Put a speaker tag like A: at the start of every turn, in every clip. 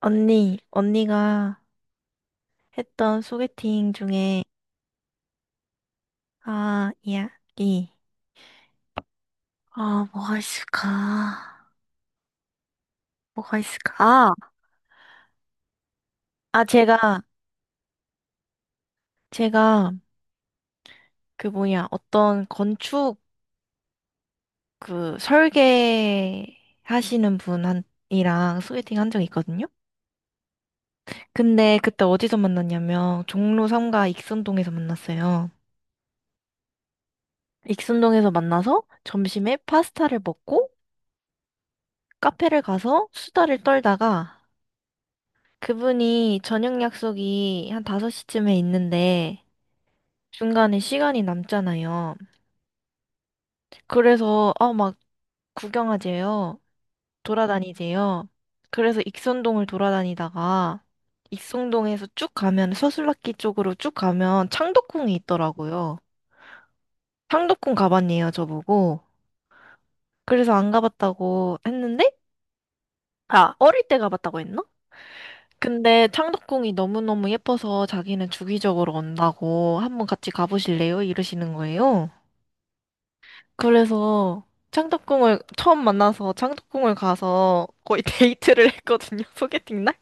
A: 언니, 언니가 했던 소개팅 중에, 아, 이야기. 아, 뭐가 있을까? 뭐가 있을까? 아, 아, 제가, 제가 그 뭐냐, 설계 하시는 분이랑 소개팅 한 적이 있거든요? 근데 그때 어디서 만났냐면, 종로 3가 익선동에서 만났어요. 익선동에서 만나서 점심에 파스타를 먹고, 카페를 가서 수다를 떨다가, 그분이 저녁 약속이 한 5시쯤에 있는데 중간에 시간이 남잖아요. 그래서 아, 막 구경하재요. 돌아다니재요. 그래서 익선동을 돌아다니다가 익선동에서 쭉 가면 서술락기 쪽으로 쭉 가면 창덕궁이 있더라고요. 창덕궁 가봤네요, 저보고. 그래서 안 가봤다고 했는데 아, 어릴 때 가봤다고 했나? 근데 창덕궁이 너무너무 예뻐서 자기는 주기적으로 온다고 한번 같이 가보실래요? 이러시는 거예요. 그래서 창덕궁을 처음 만나서 창덕궁을 가서 거의 데이트를 했거든요. 소개팅 날.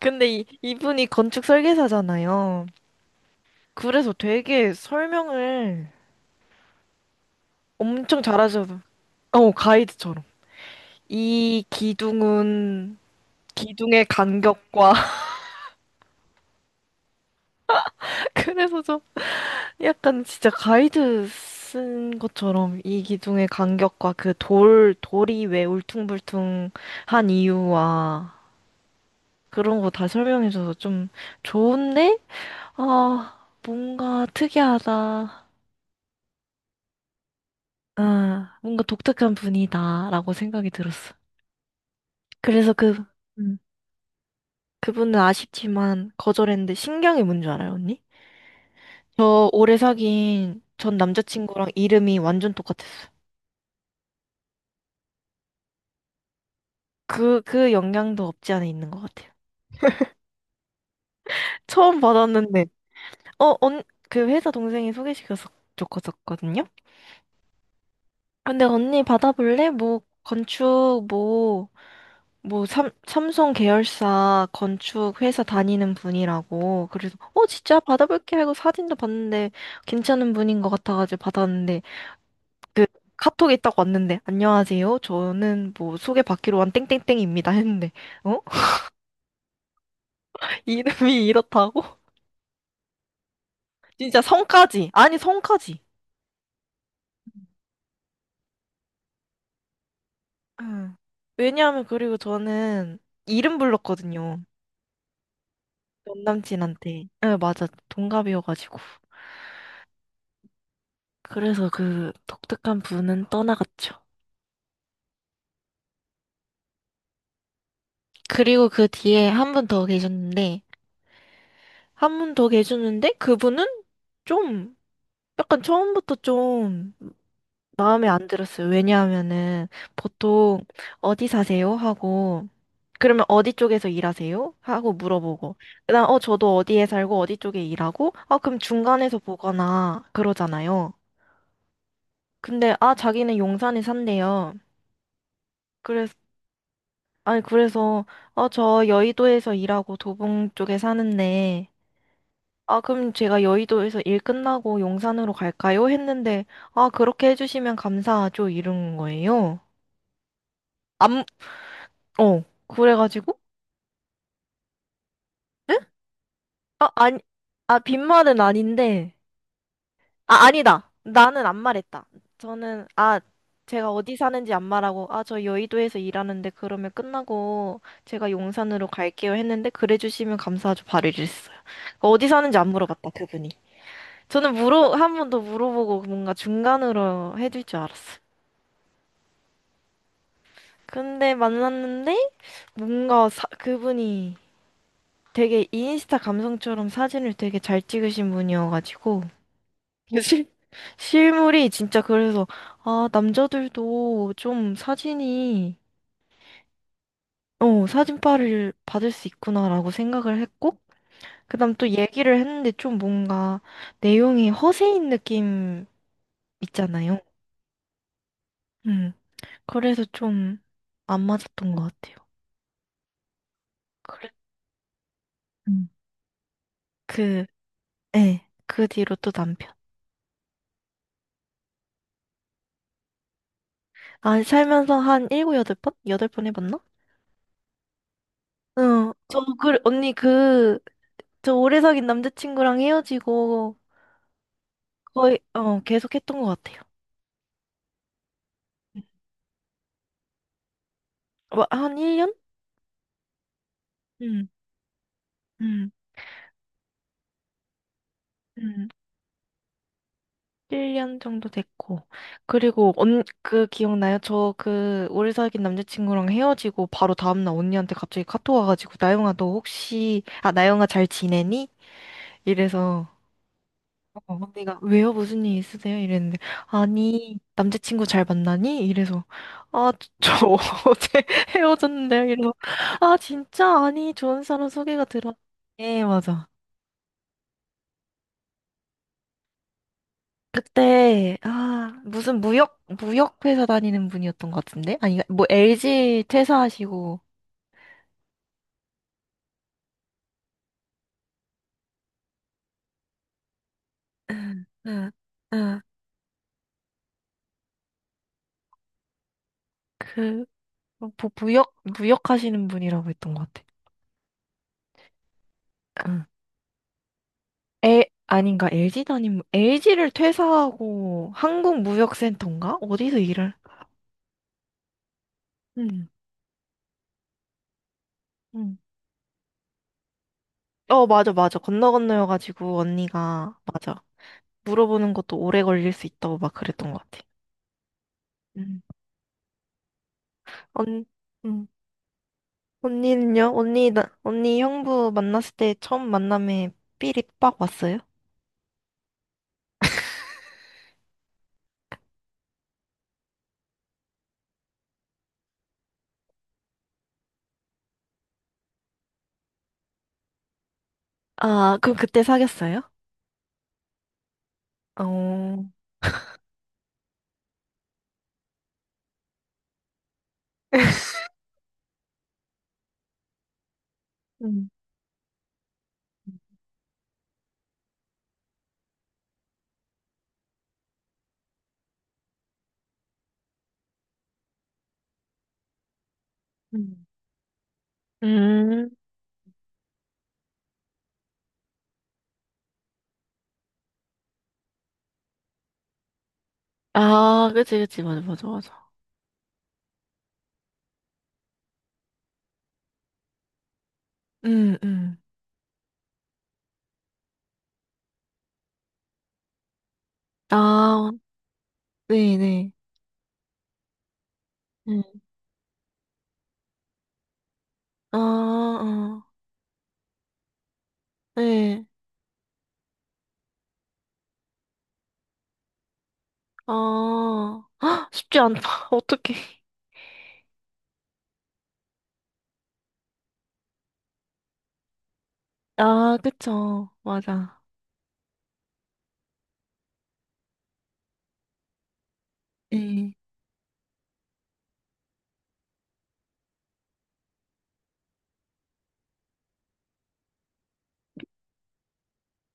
A: 근데 이분이 건축 설계사잖아요. 그래서 되게 설명을 엄청 잘하셔서 어, 가이드처럼. 이 기둥은 기둥의 간격과 그래서 저 약간 진짜 가이드 쓴 것처럼 이 기둥의 간격과 그 돌이 왜 울퉁불퉁한 이유와 그런 거 다 설명해줘서 좀 좋은데? 아, 뭔가 특이하다. 아, 뭔가 독특한 분이다라고 생각이 들었어. 그래서 그, 음, 그분은 아쉽지만 거절했는데 신경이 뭔 줄 알아요, 언니? 저 오래 사귄 전 남자친구랑 이름이 완전 똑같았어요. 그 영향도 없지 않아 있는 것 같아요. 처음 받았는데, 어, 언, 그 회사 동생이 소개시켜서 줬었거든요? 근데 언니 받아볼래? 뭐, 건축, 뭐, 삼성 계열사 건축 회사 다니는 분이라고. 그래서, 어, 진짜 받아볼게 하고 사진도 봤는데, 괜찮은 분인 것 같아가지고 받았는데, 그, 카톡이 딱 왔는데, 안녕하세요. 저는 뭐, 소개받기로 한 땡땡땡입니다. 했는데, 어? 이름이 이렇다고? 진짜 성까지. 아니, 성까지. 응. 왜냐하면 그리고 저는 이름 불렀거든요. 전 남친한테. 네, 맞아. 동갑이어가지고. 그래서 그 독특한 분은 떠나갔죠. 그리고 그 뒤에 한 분 더 계셨는데, 한 분 더 계셨는데, 그분은 좀, 약간 처음부터 좀 마음에 안 들었어요. 왜냐하면은 보통 어디 사세요? 하고 그러면 어디 쪽에서 일하세요? 하고 물어보고 그다음 어 저도 어디에 살고 어디 쪽에 일하고 아 그럼 중간에서 보거나 그러잖아요. 근데 아 자기는 용산에 산대요. 그래서 아니 그래서 어 저 여의도에서 일하고 도봉 쪽에 사는데 아 그럼 제가 여의도에서 일 끝나고 용산으로 갈까요? 했는데 아 그렇게 해주시면 감사하죠 이런 거예요. 어, 그래가지고, 에? 아, 아니, 아, 빈말은 아닌데, 아, 아니다. 나는 안 말했다. 저는, 아, 제가 어디 사는지 안 말하고, 아, 저 여의도에서 일하는데 그러면 끝나고 제가 용산으로 갈게요 했는데, 그래 주시면 감사하죠. 바로 이랬어요. 그러니까 어디 사는지 안 물어봤다, 그분이. 저는 물어, 한 번 더 물어보고 뭔가 중간으로 해줄 줄 알았어요. 근데 만났는데, 뭔가 그분이 되게 인스타 감성처럼 사진을 되게 잘 찍으신 분이어가지고, 실, 실물이 진짜 그래서, 아, 남자들도 좀 사진이, 어, 사진빨을 받을 수 있구나라고 생각을 했고, 그다음 또 얘기를 했는데 좀 뭔가 내용이 허세인 느낌 있잖아요. 음, 그래서 좀 안 맞았던 것 같아요. 그래, 음, 그, 예, 그 뒤로 또 남편. 아, 살면서 한 일곱, 여덟 번? 여덟 번 해봤나? 응, 저, 그, 언니 그, 저 오래 사귄 남자친구랑 헤어지고, 거의, 어, 계속 했던 것 같아요. 뭐, 한 1년? 음, 음, 음. 1년 정도 됐고. 그리고, 언, 그, 기억나요? 저 그, 오래 사귄 남자친구랑 헤어지고, 바로 다음날 언니한테 갑자기 카톡 와가지고, 나영아, 너 혹시, 아, 나영아 잘 지내니? 이래서, 어, 언니가, 왜요? 무슨 일 있으세요? 이랬는데, 아니, 남자친구 잘 만나니? 이래서, 아, 저 어제 헤어졌는데요? 이러고, 아, 진짜? 아니, 좋은 사람 소개가 들어. 예, 맞아. 그때 아 무슨 무역 회사 다니는 분이었던 것 같은데 아니 그러니까 뭐 LG 퇴사하시고 응, 응, 응. 그 뭐, 무역 하시는 분이라고 했던 것 같아. 응. 에 아닌가 LG 다니는 LG를 퇴사하고 한국무역센터인가 어디서 일을? 응, 응. 어 맞아 맞아 건너 건너여가지고 언니가 맞아 물어보는 것도 오래 걸릴 수 있다고 막 그랬던 것 같아. 응. 언, 응. 언니는요? 언니, 나, 언니 형부 만났을 때 처음 만남에 삘이 빡 왔어요? 아, 그럼 그때 사귀었어요? 어, 음, 음. 음. 아, 그치, 그치. 맞아, 맞아, 맞아. 음, 음. 아, 네네. 음. 아, 아, 네. 아, 헉, 쉽지 않다. 어떡해. 아, 그쵸. 맞아. 네.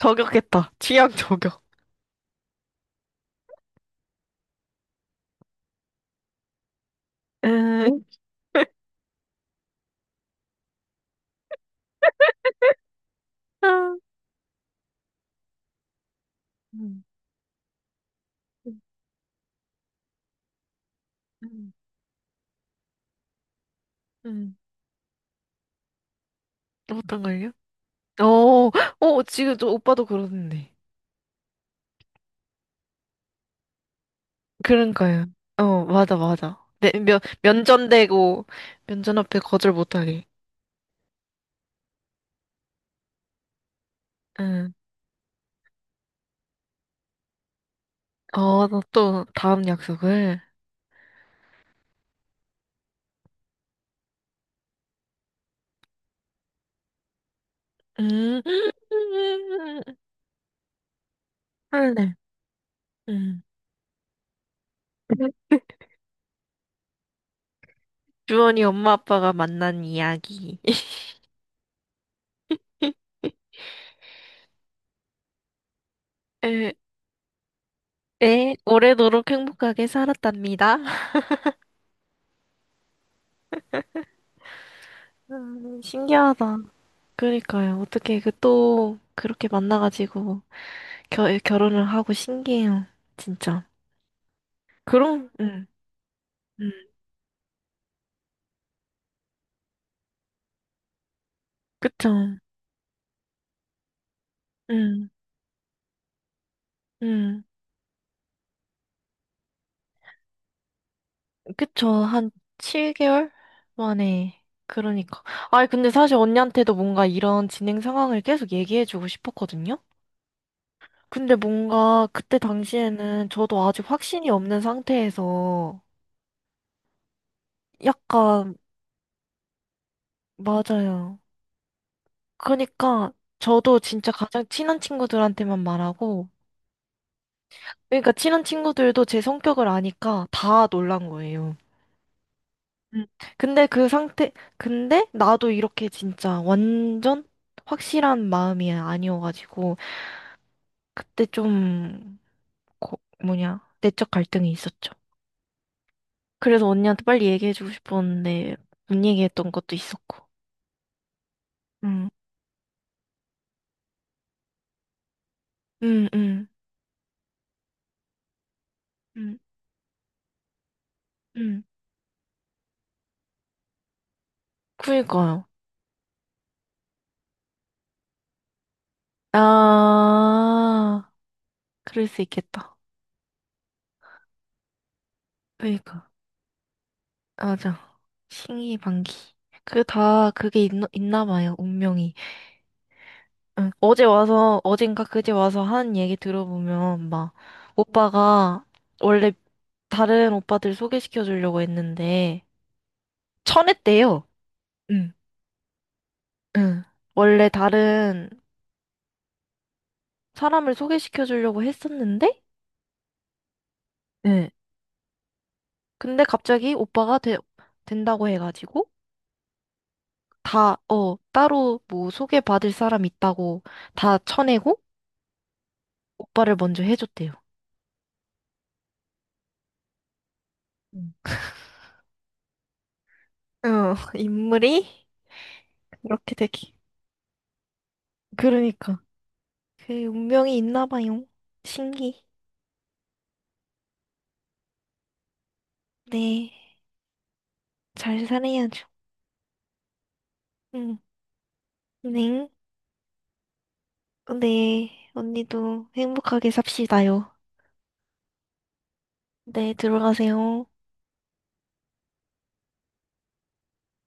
A: 저격했다. 취향 저격. 음, 아. 음. 음, 음. 어떤 걸요? 어, 어, 지금 또 오빠도 그러는데. 그러니까요. 어, 맞아, 맞아. 네, 면, 면전되고, 면전 앞에 거절 못하게. 응. 어, 나또 다음 약속을. 음, 할래. 음. 주원이 엄마 아빠가 만난 이야기. 에, 에, 오래도록 행복하게 살았답니다. 신기하다. 그러니까요. 어떻게 그 또 그렇게 만나가지고. 결혼을 하고 신기해요. 진짜. 그럼, 응, 응, 그쵸. 응, 응, 그쵸. 한 7개월 만에. 그러니까. 아니, 근데 사실 언니한테도 뭔가 이런 진행 상황을 계속 얘기해주고 싶었거든요? 근데 뭔가 그때 당시에는 저도 아직 확신이 없는 상태에서 약간, 맞아요. 그러니까 저도 진짜 가장 친한 친구들한테만 말하고, 그러니까 친한 친구들도 제 성격을 아니까 다 놀란 거예요. 음. 근데 그 상태, 근데 나도 이렇게 진짜 완전 확실한 마음이 아니어가지고, 그때 좀, 고, 뭐냐, 내적 갈등이 있었죠. 그래서 언니한테 빨리 얘기해주고 싶었는데, 못 얘기했던 것도 있었고. 음, 음, 음, 음, 음. 그니까요. 아, 그럴 수 있겠다. 그니까. 맞아. 신기방기. 그 다, 그게 있나 봐요, 운명이. 응, 어제 와서, 어젠가 그제 와서 한 얘기 들어보면, 막, 오빠가 원래 다른 오빠들 소개시켜 주려고 했는데, 쳐냈대요. 응, 응. 원래 다른 사람을 소개시켜 주려고 했었는데, 응 근데 갑자기 오빠가 된다고 해가지고, 다, 어, 따로 뭐 소개받을 사람 있다고 다 쳐내고, 오빠를 먼저 해줬대요. 응 어, 인물이 그렇게 되기. 그러니까. 그 운명이 있나 봐요. 신기. 네. 잘 살아야죠. 응. 네. 네. 언니도 행복하게 삽시다요. 네, 들어가세요.